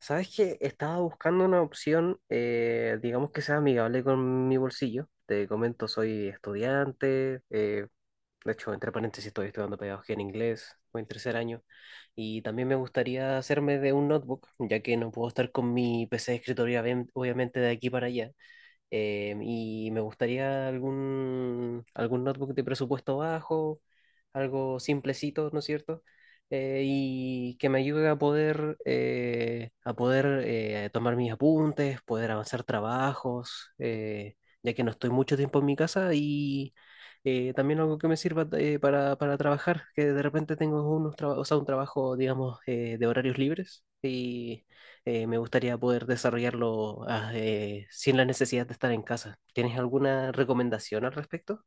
¿Sabes qué? Estaba buscando una opción, digamos que sea amigable con mi bolsillo. Te comento, soy estudiante, de hecho, entre paréntesis, estoy estudiando pedagogía en inglés, voy en tercer año, y también me gustaría hacerme de un notebook, ya que no puedo estar con mi PC de escritorio, obviamente, de aquí para allá. Y me gustaría algún notebook de presupuesto bajo, algo simplecito, ¿no es cierto? Y que me ayude a poder tomar mis apuntes, poder avanzar trabajos, ya que no estoy mucho tiempo en mi casa y también algo que me sirva para trabajar, que de repente tengo o sea, un trabajo, digamos, de horarios libres y me gustaría poder desarrollarlo sin la necesidad de estar en casa. ¿Tienes alguna recomendación al respecto?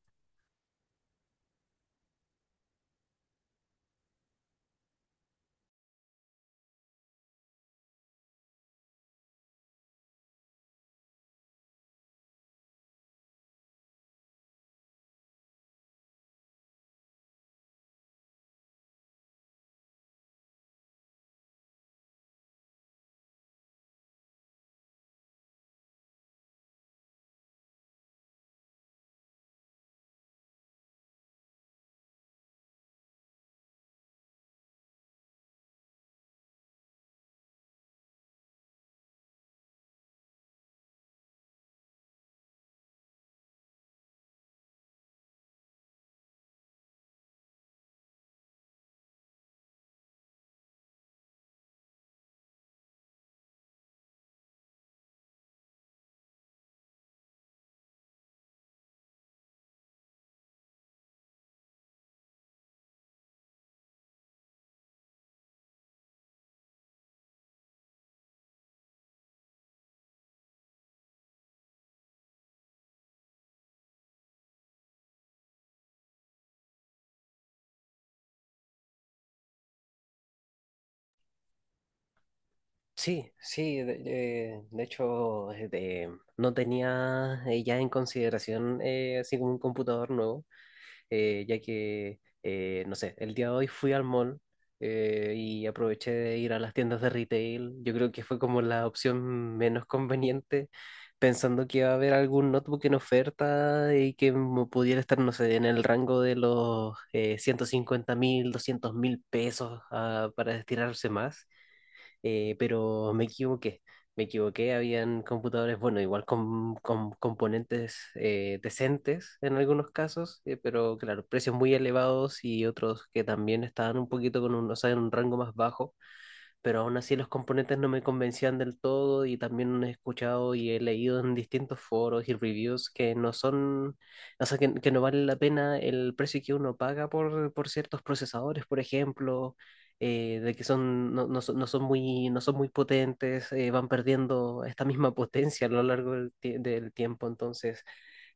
Sí, sí, de hecho, no tenía ya en consideración así como un computador nuevo, ya que, no sé, el día de hoy fui al mall y aproveché de ir a las tiendas de retail. Yo creo que fue como la opción menos conveniente, pensando que iba a haber algún notebook en oferta y que me pudiera estar, no sé, en el rango de los 150.000, 200.000 pesos para estirarse más, pero me equivoqué. Me equivoqué, habían computadores, bueno, igual con, componentes decentes en algunos casos, pero claro, precios muy elevados y otros que también estaban un poquito con un, o sea, en un rango más bajo, pero aún así los componentes no me convencían del todo y también he escuchado y he leído en distintos foros y reviews que no son, o sea, que no vale la pena el precio que uno paga por ciertos procesadores, por ejemplo, de que son, no, no son, no son muy, no son muy potentes, van perdiendo esta misma potencia a lo largo del tiempo, entonces.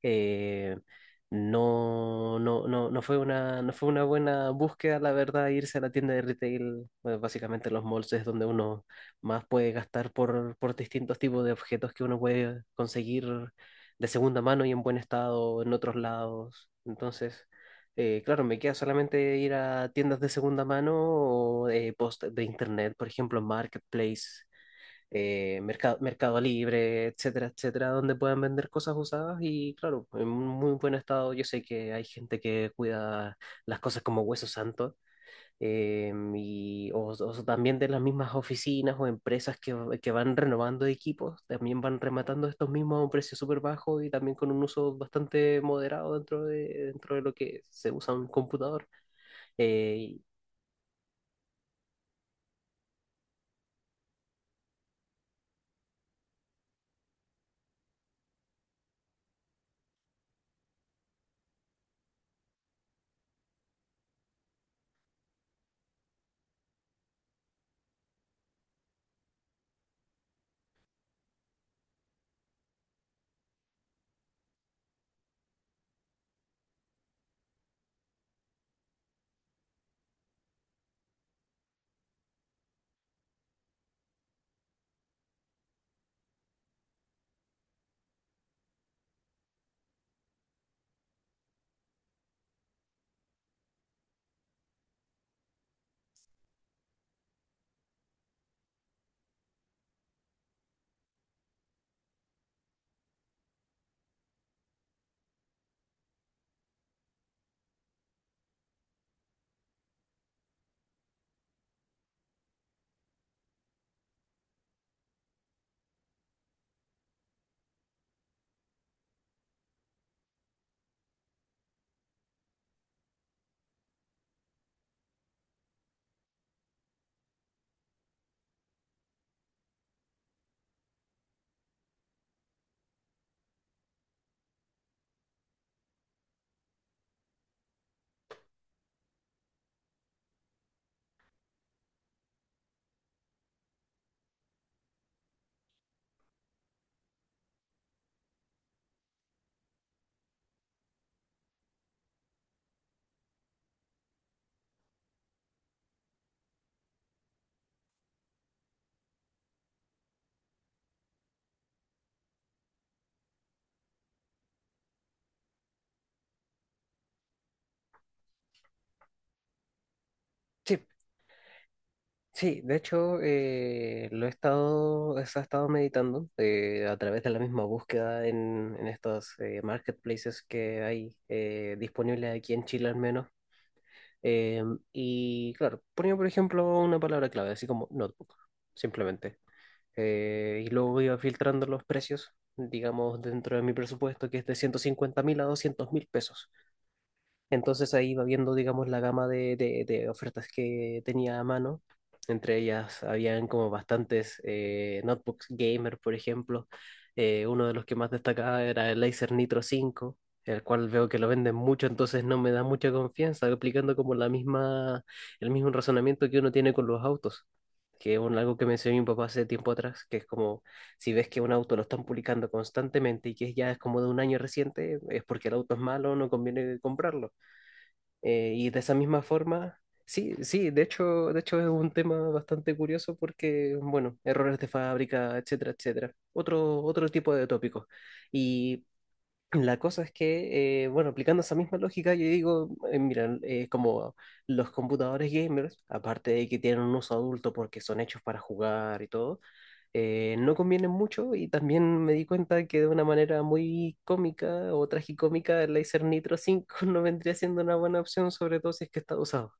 Eh, no, no, no, no fue una, no fue una buena búsqueda, la verdad, irse a la tienda de retail. Bueno, básicamente los malls es donde uno más puede gastar por, distintos tipos de objetos que uno puede conseguir de segunda mano y en buen estado en otros lados. Entonces, claro, me queda solamente ir a tiendas de segunda mano o post de internet, por ejemplo, Marketplace, Mercado Libre, etcétera, etcétera, donde puedan vender cosas usadas y claro, en un muy buen estado. Yo sé que hay gente que cuida las cosas como hueso santo, o también de las mismas oficinas o empresas que van renovando equipos, también van rematando estos mismos a un precio súper bajo y también con un uso bastante moderado dentro de lo que se usa un computador. Eh, y- Sí, sí, de hecho, eso he estado meditando a través de la misma búsqueda en estos marketplaces que hay disponibles aquí en Chile al menos. Eh, y claro, ponía por ejemplo una palabra clave, así como notebook, simplemente. Y luego iba filtrando los precios, digamos, dentro de mi presupuesto, que es de 150.000 a 200.000 pesos. Entonces ahí va viendo, digamos, la gama de ofertas que tenía a mano. Entre ellas habían como bastantes notebooks gamer, por ejemplo. Uno de los que más destacaba era el Acer Nitro 5, el cual veo que lo venden mucho, entonces no me da mucha confianza, aplicando como el mismo razonamiento que uno tiene con los autos, que es algo que me enseñó mi papá hace tiempo atrás, que es como si ves que un auto lo están publicando constantemente y que ya es como de un año reciente, es porque el auto es malo, no conviene comprarlo. Y de esa misma forma, sí, sí, de hecho es un tema bastante curioso porque, bueno, errores de fábrica, etcétera, etcétera. Otro tipo de tópicos. Y la cosa es que, bueno, aplicando esa misma lógica, yo digo, mira, como los computadores gamers, aparte de que tienen un uso adulto porque son hechos para jugar y todo, no convienen mucho y también me di cuenta que de una manera muy cómica o tragicómica el Laser Nitro 5 no vendría siendo una buena opción, sobre todo si es que está usado.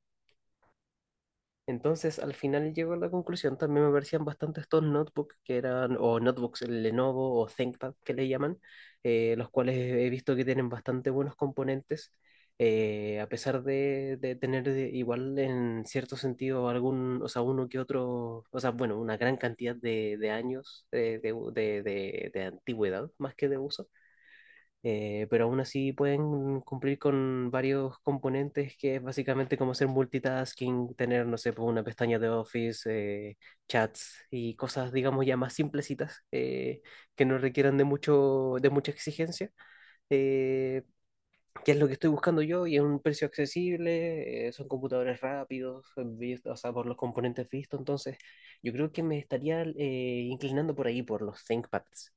Entonces, al final llego a la conclusión, también me parecían bastante estos notebooks que eran, o notebooks el Lenovo o ThinkPad que le llaman, los cuales he visto que tienen bastante buenos componentes, a pesar de, igual en cierto sentido algún, o sea, uno que otro, o sea, bueno, una gran cantidad de años de antigüedad más que de uso, pero aún así pueden cumplir con varios componentes que es básicamente como hacer multitasking, tener, no sé, pues, una pestaña de Office, eh, chats y cosas, digamos, ya más simplecitas, que no requieran de mucha exigencia, eh, que es lo que estoy buscando yo y es un precio accesible, son computadores rápidos, o sea, por los componentes vistos, entonces yo creo que me estaría inclinando por ahí, por los ThinkPads.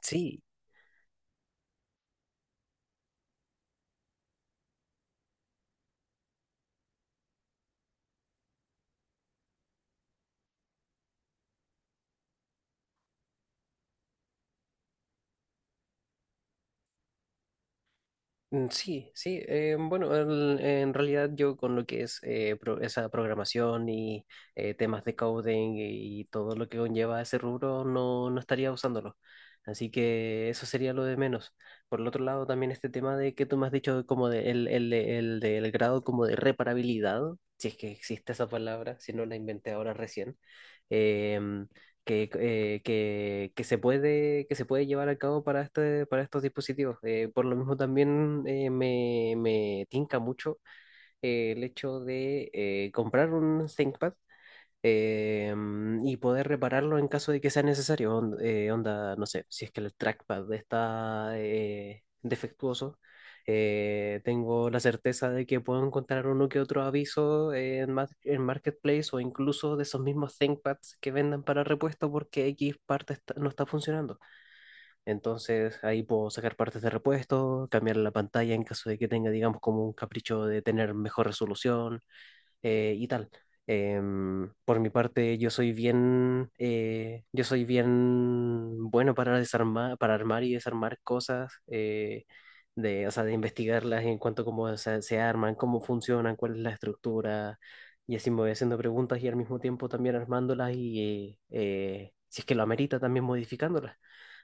Sí, mm, sí, sí. Bueno, en realidad yo con lo que es esa programación y temas de coding y todo lo que conlleva ese rubro, no estaría usándolo. Así que eso sería lo de menos. Por el otro lado, también este tema de que tú me has dicho como de el del grado como de reparabilidad, si es que existe esa palabra, si no la inventé ahora recién. em, que se puede llevar a cabo para estos dispositivos. Por lo mismo también me tinca mucho el hecho de comprar un ThinkPad y poder repararlo en caso de que sea necesario. Onda, no sé, si es que el trackpad está defectuoso, tengo la certeza de que puedo encontrar uno que otro aviso en Marketplace o incluso de esos mismos ThinkPads que vendan para repuesto porque X parte no está funcionando. Entonces ahí puedo sacar partes de repuesto, cambiar la pantalla en caso de que tenga, digamos, como un capricho de tener mejor resolución, y tal. Por mi parte, yo soy bien bueno para desarmar, para armar y desarmar cosas, de, o sea, de investigarlas en cuanto a cómo se arman, cómo funcionan, cuál es la estructura, y así me voy haciendo preguntas y al mismo tiempo también armándolas y, si es que lo amerita, también modificándolas.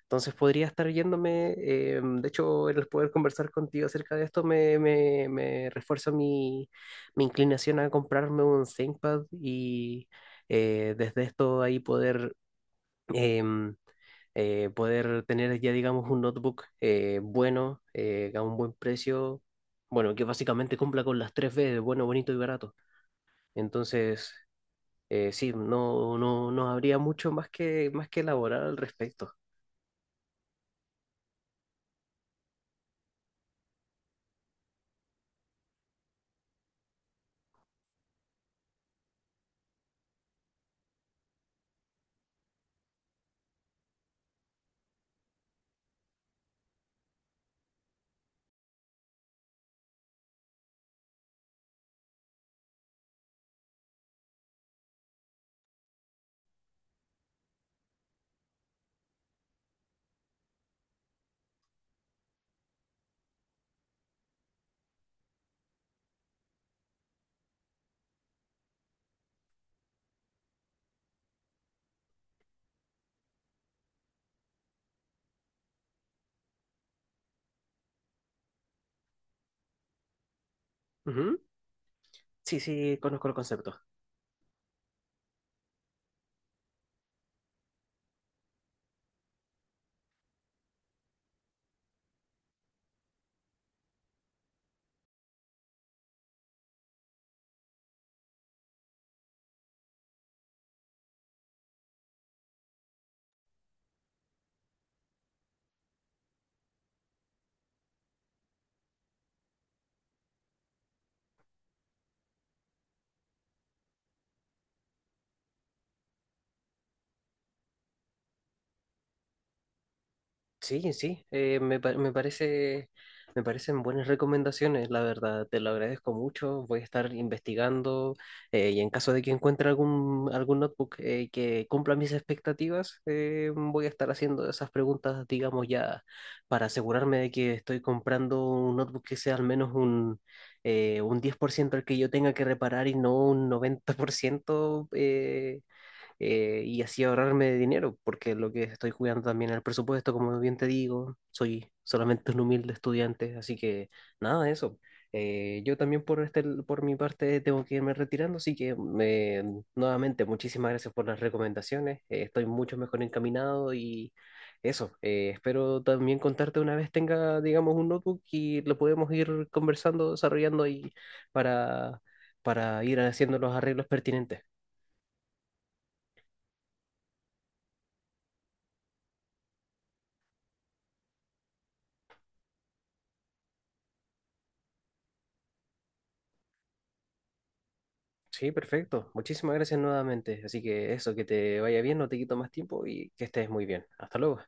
Entonces podría estar yéndome, de hecho el poder conversar contigo acerca de esto me refuerza mi inclinación a comprarme un ThinkPad y desde esto ahí poder, em, poder tener ya digamos un notebook, bueno, a un buen precio, bueno, que básicamente cumpla con las tres B de bueno, bonito y barato. Entonces, sí, no habría mucho más más que elaborar al respecto. Ujú. Sí, sí, conozco el concepto. Sí, sí, me parecen buenas recomendaciones, la verdad, te lo agradezco mucho, voy a estar investigando, y en caso de que encuentre algún notebook que cumpla mis expectativas, voy a estar haciendo esas preguntas, digamos ya, para asegurarme de que estoy comprando un notebook que sea al menos un 10% el que yo tenga que reparar y no un 90%, y así ahorrarme de dinero, porque lo que estoy jugando también al presupuesto, como bien te digo, soy solamente un humilde estudiante, así que nada de eso. Yo también por mi parte tengo que irme retirando, así que nuevamente muchísimas gracias por las recomendaciones, estoy mucho mejor encaminado y eso, espero también contarte una vez tenga, digamos, un notebook y lo podemos ir conversando, desarrollando y para, para ir haciendo los arreglos pertinentes. Sí, perfecto. Muchísimas gracias nuevamente. Así que eso, que te vaya bien, no te quito más tiempo y que estés muy bien. Hasta luego.